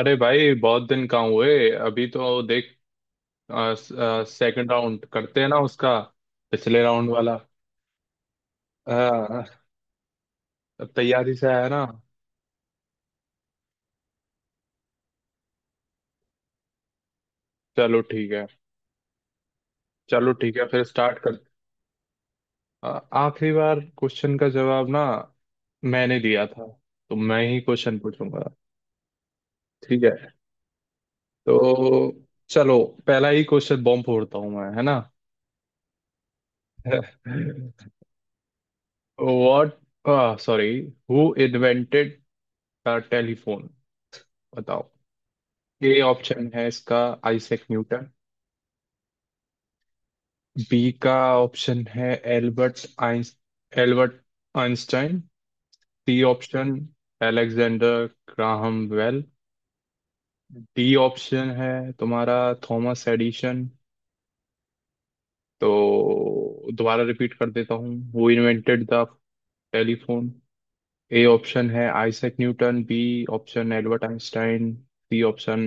अरे भाई बहुत दिन कहाँ हुए? अभी तो देख, सेकंड राउंड करते हैं ना उसका। पिछले राउंड वाला। हाँ। अब तैयारी से आया ना? चलो ठीक है। चलो ठीक है, फिर स्टार्ट कर। आ, आखिरी बार क्वेश्चन का जवाब ना मैंने दिया था, तो मैं ही क्वेश्चन पूछूंगा। ठीक है। तो चलो, पहला ही क्वेश्चन बॉम्ब फोड़ता हूँ मैं, है ना। What sorry, who invented the telephone, बताओ। ए ऑप्शन है इसका आइजैक न्यूटन। बी का ऑप्शन है Albert Eins Albert Einstein. C option Alexander Graham Bell. D option है तुम्हारा थॉमस एडिशन। तो दोबारा रिपीट कर देता हूँ, वो invented the telephone. A option है Isaac Newton, B option Albert Einstein, C option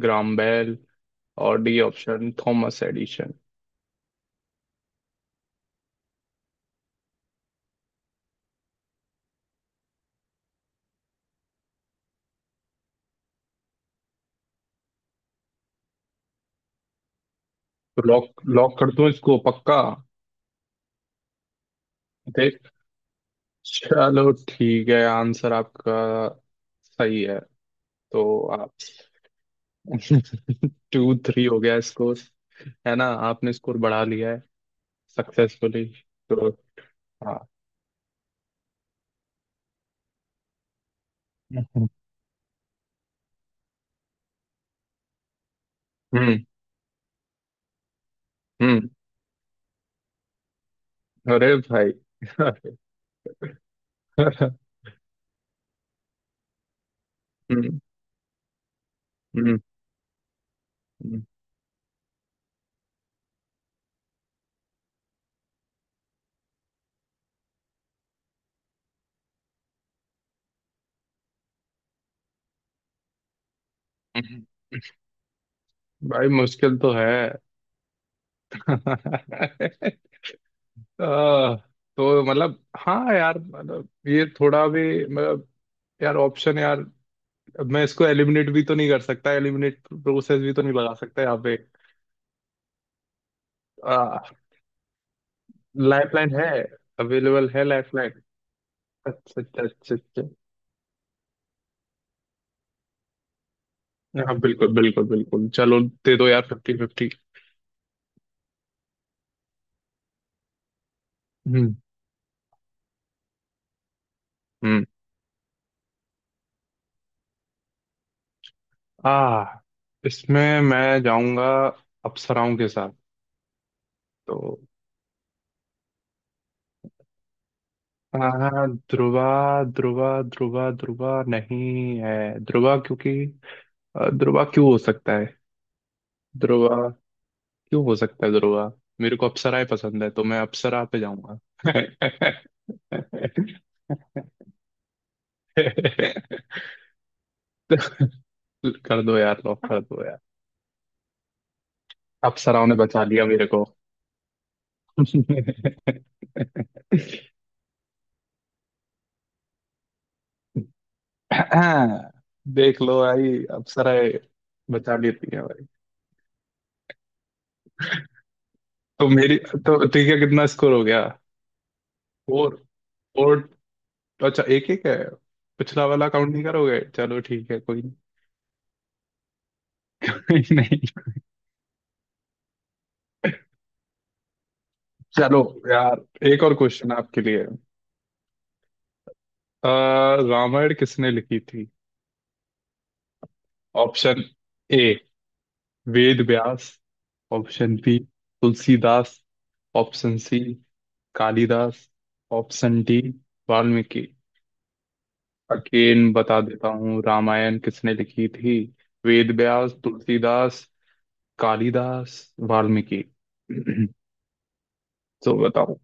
Graham Bell, और डी ऑप्शन थॉमस एडिशन। तो लॉक लॉक कर दूं इसको पक्का? देख, चलो ठीक है, आंसर आपका सही है। तो आप 2-3 हो गया स्कोर, है ना। आपने स्कोर बढ़ा लिया है सक्सेसफुली। तो हाँ। हम्म। हम्म। अरे भाई हम्म। हम्म। हम्म, भाई मुश्किल तो है। आह, तो मतलब हाँ यार, मतलब ये थोड़ा भी मतलब, यार ऑप्शन, यार अब मैं इसको एलिमिनेट भी तो नहीं कर सकता, एलिमिनेट प्रोसेस भी तो नहीं लगा सकता यहाँ पे। आ, लाइफ लाइन है? अवेलेबल है लाइफ लाइन? अच्छा अच्छा अच्छा अच्छा। हाँ बिल्कुल बिल्कुल बिल्कुल चलो। दे दो यार फिफ्टी फिफ्टी। हम्म। हम्म। आ, इसमें मैं जाऊंगा अप्सराओं के साथ। तो आ, ध्रुवा, ध्रुवा ध्रुवा ध्रुवा नहीं है। ध्रुवा क्योंकि ध्रुवा क्यों हो सकता है, ध्रुवा क्यों हो सकता है? ध्रुवा, मेरे को अप्सराएं पसंद है तो मैं अप्सरा पे जाऊंगा। कर दो यार लॉक, कर दो यार। अप्सराओं ने बचा लिया मेरे को। देख लो भाई, अप्सराएं बचा लेती हैं भाई। तो मेरी, तो ठीक है कितना स्कोर हो गया? 4। फोर। अच्छा, एक एक है। पिछला वाला काउंट नहीं करोगे? चलो ठीक है, कोई नहीं। नहीं। चलो यार, एक और क्वेश्चन आपके लिए। अ, रामायण किसने लिखी थी? Option A Ved Vyas, option B Tulsidas, option C Kalidas, option D Valmiki. Again बता देता हूँ, रामायण किसने लिखी थी? वेद व्यास, तुलसीदास, कालिदास, वाल्मीकि। तो बताओ।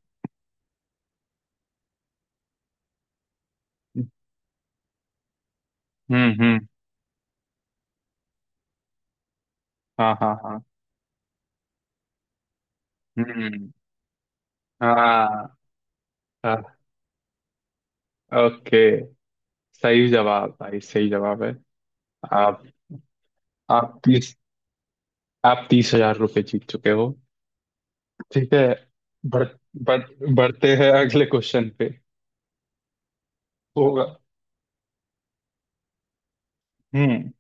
हम्म। हम्म। हाँ हाँ हाँ। हम्म। हाँ। हाँ ओके, सही जवाब भाई, सही जवाब है। आप, आप तीस आप 30,000 रुपये जीत चुके हो। ठीक है। बढ़ बढ़ बढ़ते हैं अगले क्वेश्चन पे। होगा। हम्म।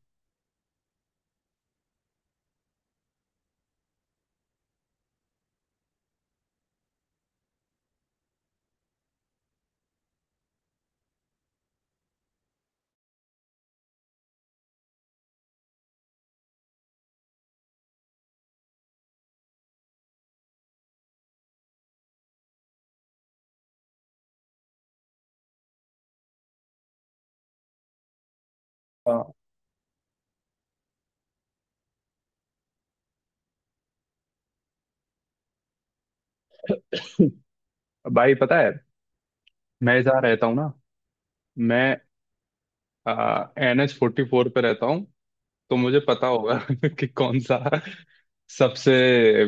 आ, भाई पता है, मैं जहाँ रहता हूँ ना, मैं NH 44 पे रहता हूँ। तो मुझे पता होगा कि कौन सा सबसे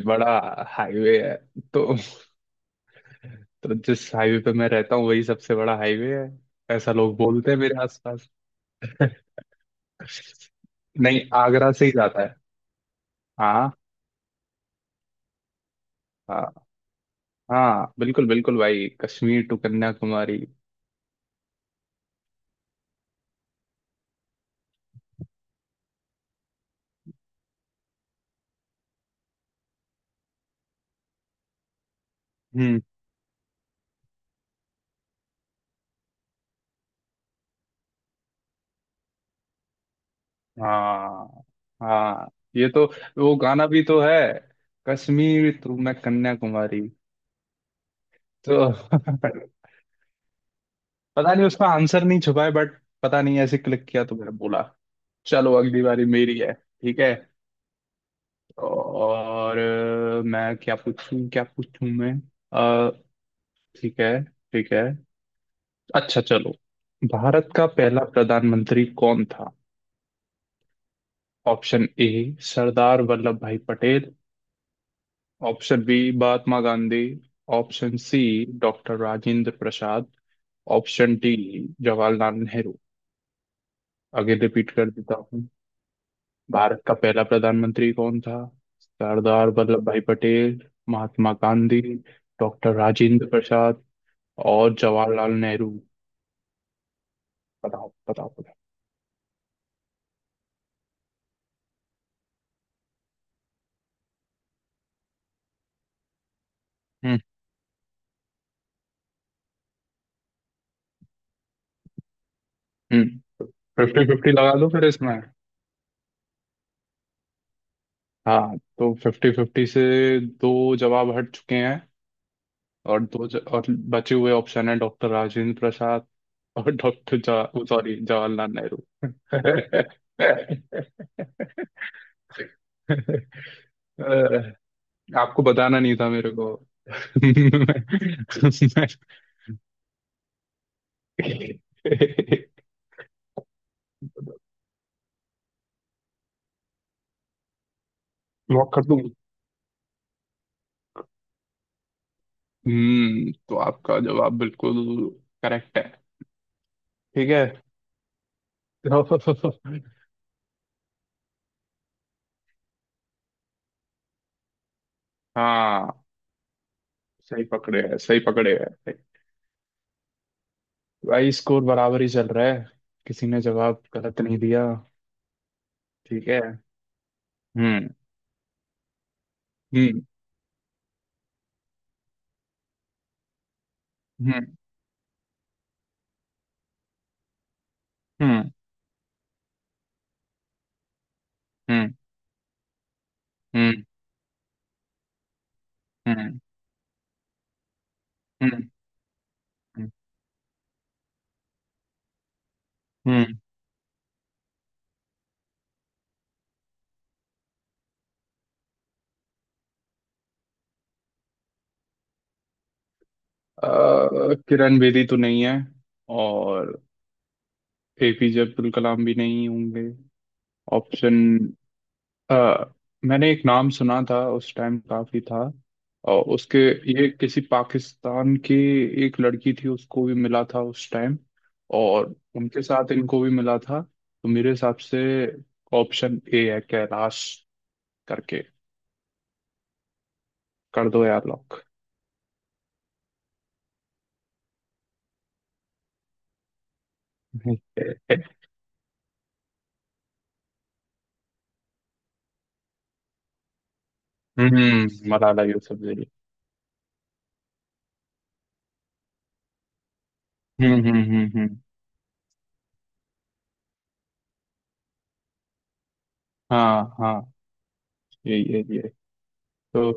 बड़ा हाईवे है। तो, तो जिस हाईवे पे मैं रहता हूँ वही सबसे बड़ा हाईवे है, ऐसा लोग बोलते हैं मेरे आसपास। नहीं आगरा से ही जाता है। हाँ। हाँ। हाँ बिल्कुल बिल्कुल भाई, कश्मीर टू कन्याकुमारी। हम्म। हाँ। हाँ ये तो, वो गाना भी तो है, कश्मीर टू मैं कन्याकुमारी। तो पता नहीं उसका आंसर नहीं छुपा है बट, पता नहीं ऐसे क्लिक किया तो मैंने बोला। चलो अगली बारी मेरी है ठीक है। और मैं क्या पूछूं, क्या पूछूं मैं, अ, ठीक है ठीक है, अच्छा चलो। भारत का पहला प्रधानमंत्री कौन था? ऑप्शन ए सरदार वल्लभ भाई Patel, option B Mahatma Gandhi, option C doctor Rajendra Prasad, option D Jawaharlal Nehru. आगे रिपीट कर देता हूँ, भारत का पहला प्रधानमंत्री कौन था? सरदार वल्लभ भाई पटेल, महात्मा गांधी, डॉक्टर राजेंद्र प्रसाद, और जवाहरलाल नेहरू। बताओ बताओ बताओ। हम्म। हम्म। फिफ्टी फिफ्टी लगा लो फिर इसमें। हाँ तो फिफ्टी फिफ्टी से दो जवाब हट चुके हैं, और और बचे हुए ऑप्शन है डॉक्टर राजेंद्र प्रसाद और डॉक्टर सॉरी जवाहरलाल नेहरू। अह, आपको बताना नहीं था मेरे को। लॉक कर दूं? हम्म, तो आपका जवाब बिल्कुल करेक्ट है। ठीक है। तो, हाँ सही पकड़े है सही पकड़े है। भाई स्कोर बराबर ही चल रहा है, किसी ने जवाब गलत नहीं दिया। ठीक है। हम्म। हम्म। हम्म। हम्म। हम्म। हम्म। हम्म। हम्म। हम्म। हम्म। किरण बेदी तो नहीं है। और एपीजे अब्दुल कलाम भी नहीं होंगे। ऑप्शन, अ, मैंने एक नाम सुना था उस टाइम काफी था, और उसके, ये किसी पाकिस्तान की एक लड़की थी उसको भी मिला था उस टाइम, और उनके साथ इनको भी मिला था। तो मेरे हिसाब से ऑप्शन ए है कैलाश करके। कर दो यार लॉक। हम्म, मलाला यूसुफजई। हम्म। हम्म। हम्म। हम्म। हाँ हाँ, यही है ये। तो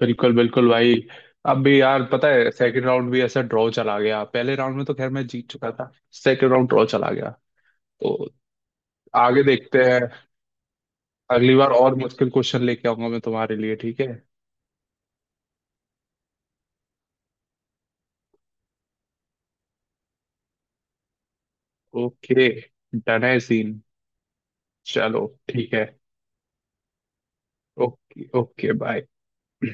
बिल्कुल बिल्कुल भाई। अब भी यार पता है सेकंड राउंड भी ऐसा ड्रॉ चला गया, पहले राउंड में तो खैर मैं जीत चुका था, सेकंड राउंड ड्रॉ चला गया। तो आगे देखते हैं, अगली बार और मुश्किल क्वेश्चन लेके आऊंगा मैं तुम्हारे लिए, ठीक है? ओके डन है सीन। चलो ठीक है। Okay okay bye.